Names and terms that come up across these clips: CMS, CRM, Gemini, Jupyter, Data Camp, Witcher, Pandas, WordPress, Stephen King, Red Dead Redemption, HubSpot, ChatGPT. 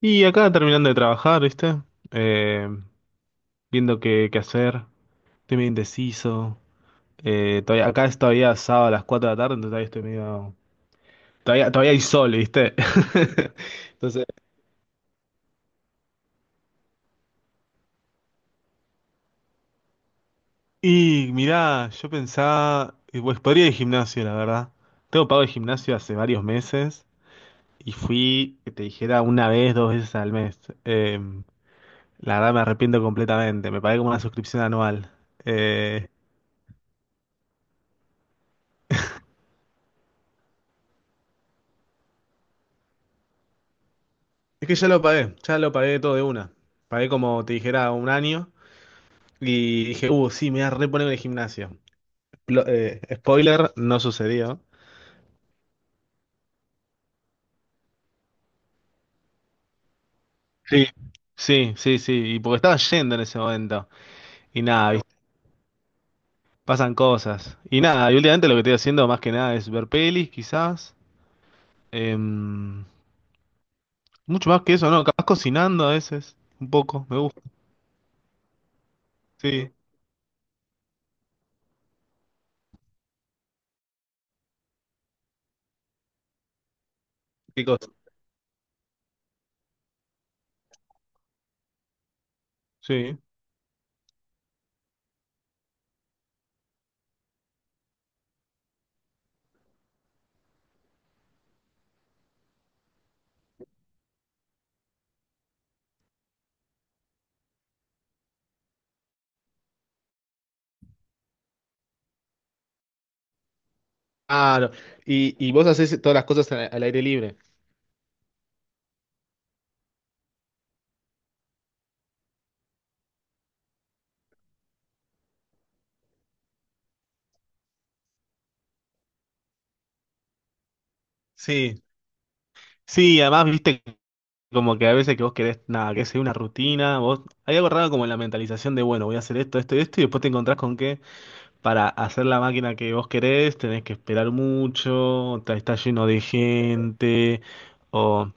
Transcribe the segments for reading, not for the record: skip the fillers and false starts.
Y acá terminando de trabajar, ¿viste? Eh, viendo qué hacer. Estoy medio indeciso. Todavía, acá es todavía sábado a las 4 de la tarde, entonces todavía estoy medio. Todavía hay sol, ¿viste? Entonces. Y mirá, yo pensaba, pues podría ir al gimnasio, la verdad. Tengo pago de gimnasio hace varios meses y fui, que te dijera, una vez, dos veces al mes. Eh, la verdad me arrepiento completamente. Me pagué como una suscripción anual. Eh, Es que ya lo pagué todo de una. Pagué como te dijera un año y dije, sí, me voy a reponer en el gimnasio. Spoiler, no sucedió. Sí. Sí, sí, sí, y porque estaba yendo en ese momento. Y nada, ¿viste? Pasan cosas. Y nada, y últimamente lo que estoy haciendo más que nada es ver pelis, quizás. Em, Mucho más que eso, ¿no? Capaz cocinando a veces, un poco, me gusta. Sí, qué cosa. Sí. Claro. Y vos haces todas las cosas al aire libre. Sí. Sí, además, viste. Como que a veces que vos querés, nada, que sea una rutina, vos, hay algo raro como en la mentalización de, bueno, voy a hacer esto, esto y esto, y después te encontrás con que para hacer la máquina que vos querés tenés que esperar mucho, está lleno de gente, o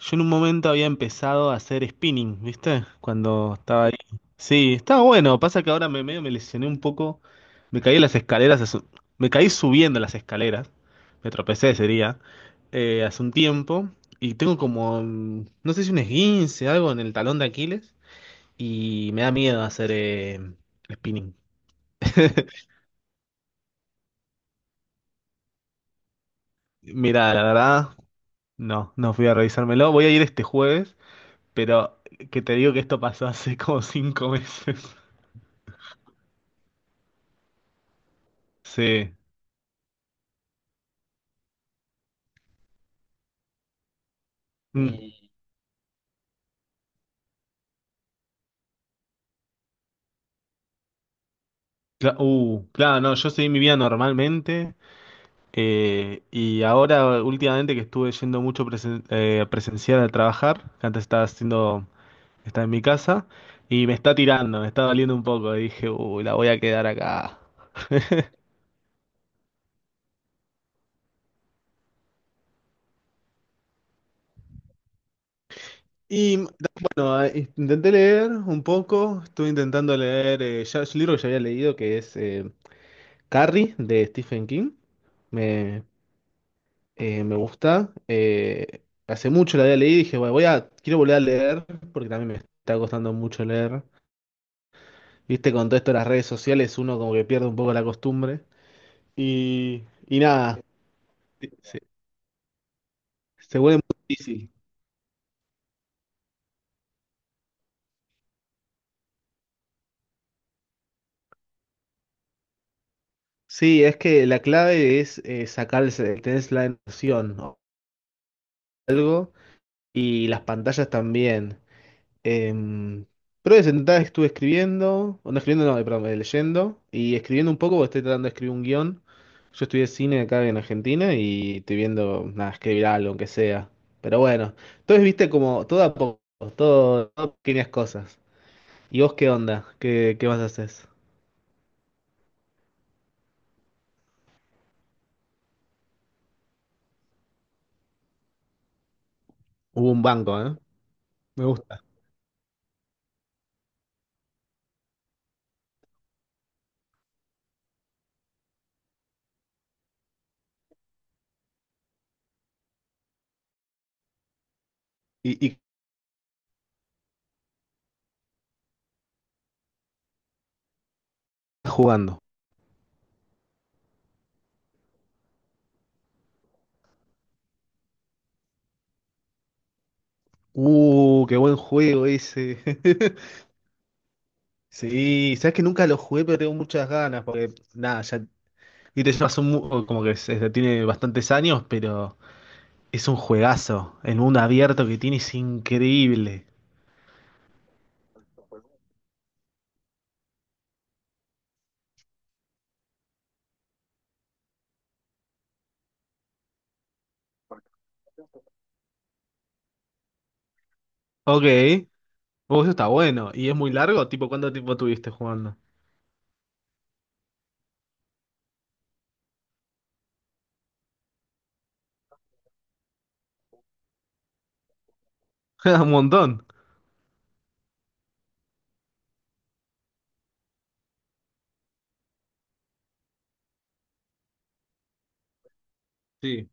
yo en un momento había empezado a hacer spinning, ¿viste? Cuando estaba ahí. Sí, estaba bueno. Pasa que ahora me medio me lesioné un poco. Me caí en las escaleras. Me caí subiendo las escaleras. Me tropecé, sería, hace un tiempo. Y tengo como, no sé si un esguince, algo en el talón de Aquiles. Y me da miedo hacer spinning. Mira, la verdad, no, no fui a revisármelo. Voy a ir este jueves, pero que te digo que esto pasó hace como 5 meses. Sí. Mm, claro, no, yo seguí mi vida normalmente, y ahora últimamente que estuve yendo mucho presencial a trabajar, que antes estaba haciendo, estaba en mi casa y me está tirando, me está doliendo un poco y dije, uy, la voy a quedar acá. Y bueno, intenté leer un poco, estuve intentando leer ya, es un libro que ya había leído que es Carrie de Stephen King. Me, Me gusta. Hace mucho la había leído y dije, bueno, quiero volver a leer porque también me está costando mucho leer. Viste, con todo esto de las redes sociales uno como que pierde un poco la costumbre. Y nada, se, se vuelve muy difícil. Sí, es que la clave es sacarse, tenés la emoción o algo y las pantallas también. Em, pero de sentada estuve escribiendo, o no escribiendo, no, perdón, leyendo y escribiendo un poco, porque estoy tratando de escribir un guión. Yo estudié cine acá en Argentina y estoy viendo, nada, escribir algo, aunque sea. Pero bueno, entonces viste como todo a poco, todo, todo pequeñas cosas. ¿Y vos qué onda? ¿Qué más haces? Hubo un banco, ¿eh? Me gusta. ¿Y qué estás jugando? Qué buen juego ese. Sí, sabes que nunca lo jugué, pero tengo muchas ganas, porque nada, ya. Y te llevas un como que tiene bastantes años, pero es un juegazo. El mundo abierto que tiene es increíble. Ok. Oh, eso está bueno. ¿Y es muy largo? Tipo, ¿cuánto tiempo tuviste jugando? Un montón. Sí.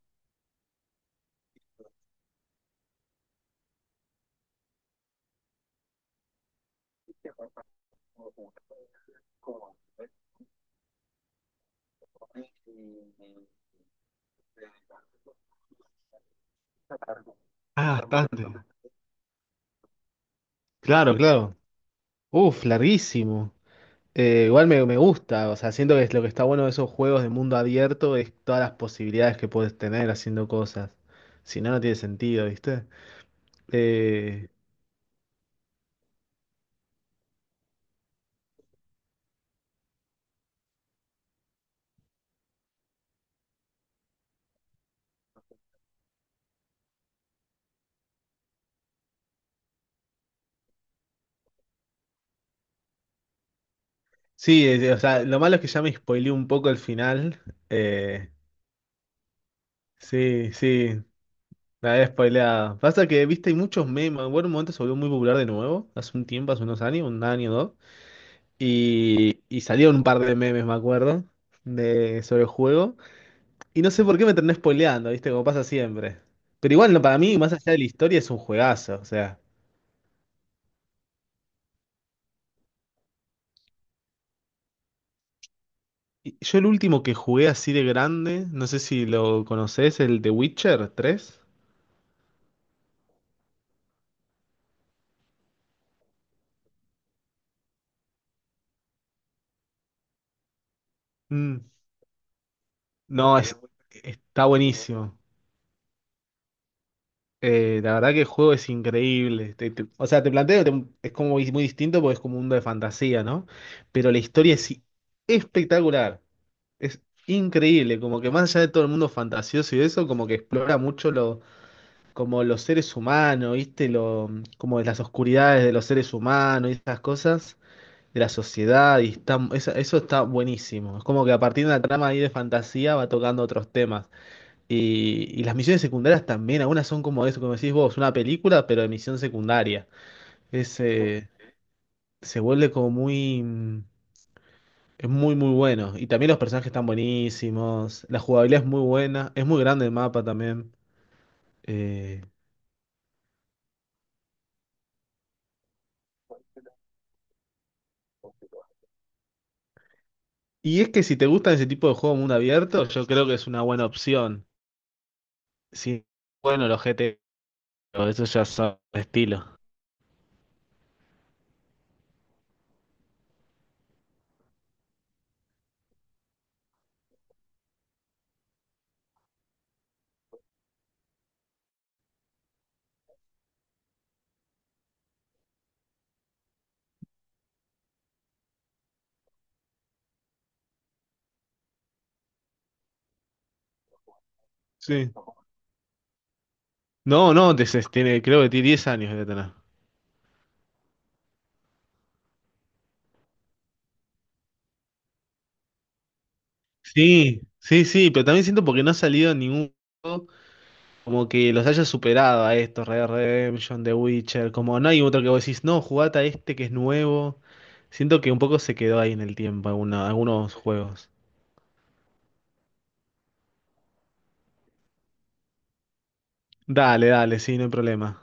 Ah, bastante. Claro, claro. Uf, larguísimo. Igual me gusta, o sea, siento que es lo que está bueno de esos juegos de mundo abierto es todas las posibilidades que puedes tener haciendo cosas. Si no, no tiene sentido, ¿viste? Eh, Sí, o sea, lo malo es que ya me spoileé un poco el final. Eh, sí, sí, la había spoileado. Pasa que, viste, hay muchos memes. Bueno, en un momento se volvió muy popular de nuevo, hace un tiempo, hace unos años, un año o dos. Y salieron un par de memes, me acuerdo, sobre el juego. Y no sé por qué me terminé spoileando, viste, como pasa siempre. Pero igual, no, para mí, más allá de la historia, es un juegazo, o sea. Y yo el último que jugué así de grande, no sé si lo conoces, el de Witcher 3. No, está buenísimo. La verdad que el juego es increíble. O sea, te planteo, es como muy muy distinto porque es como un mundo de fantasía, ¿no? Pero la historia es espectacular. Es increíble, como que más allá de todo el mundo fantasioso y eso, como que explora mucho lo, como los seres humanos, ¿viste? Lo, como las oscuridades de los seres humanos y esas cosas, de la sociedad, y está, eso está buenísimo. Es como que a partir de una trama ahí de fantasía va tocando otros temas. Y las misiones secundarias también, algunas son como eso, como decís vos, una película, pero de misión secundaria. Es, eh, Se vuelve como muy, es muy, muy bueno. Y también los personajes están buenísimos. La jugabilidad es muy buena. Es muy grande el mapa también. Eh, y es que si te gustan ese tipo de juego mundo abierto, yo creo que es una buena opción. Sí, bueno, los GT, pero eso ya son estilo. Sí. No, no, tiene, creo que tiene 10 años de tener. Sí, sí, sí, pero también siento porque no ha salido ningún juego, como que los hayas superado a estos, Red Dead Redemption, The Witcher, como no hay otro que vos decís, no, jugate a este que es nuevo. Siento que un poco se quedó ahí en el tiempo algunos juegos. Dale, dale, sí, no hay problema.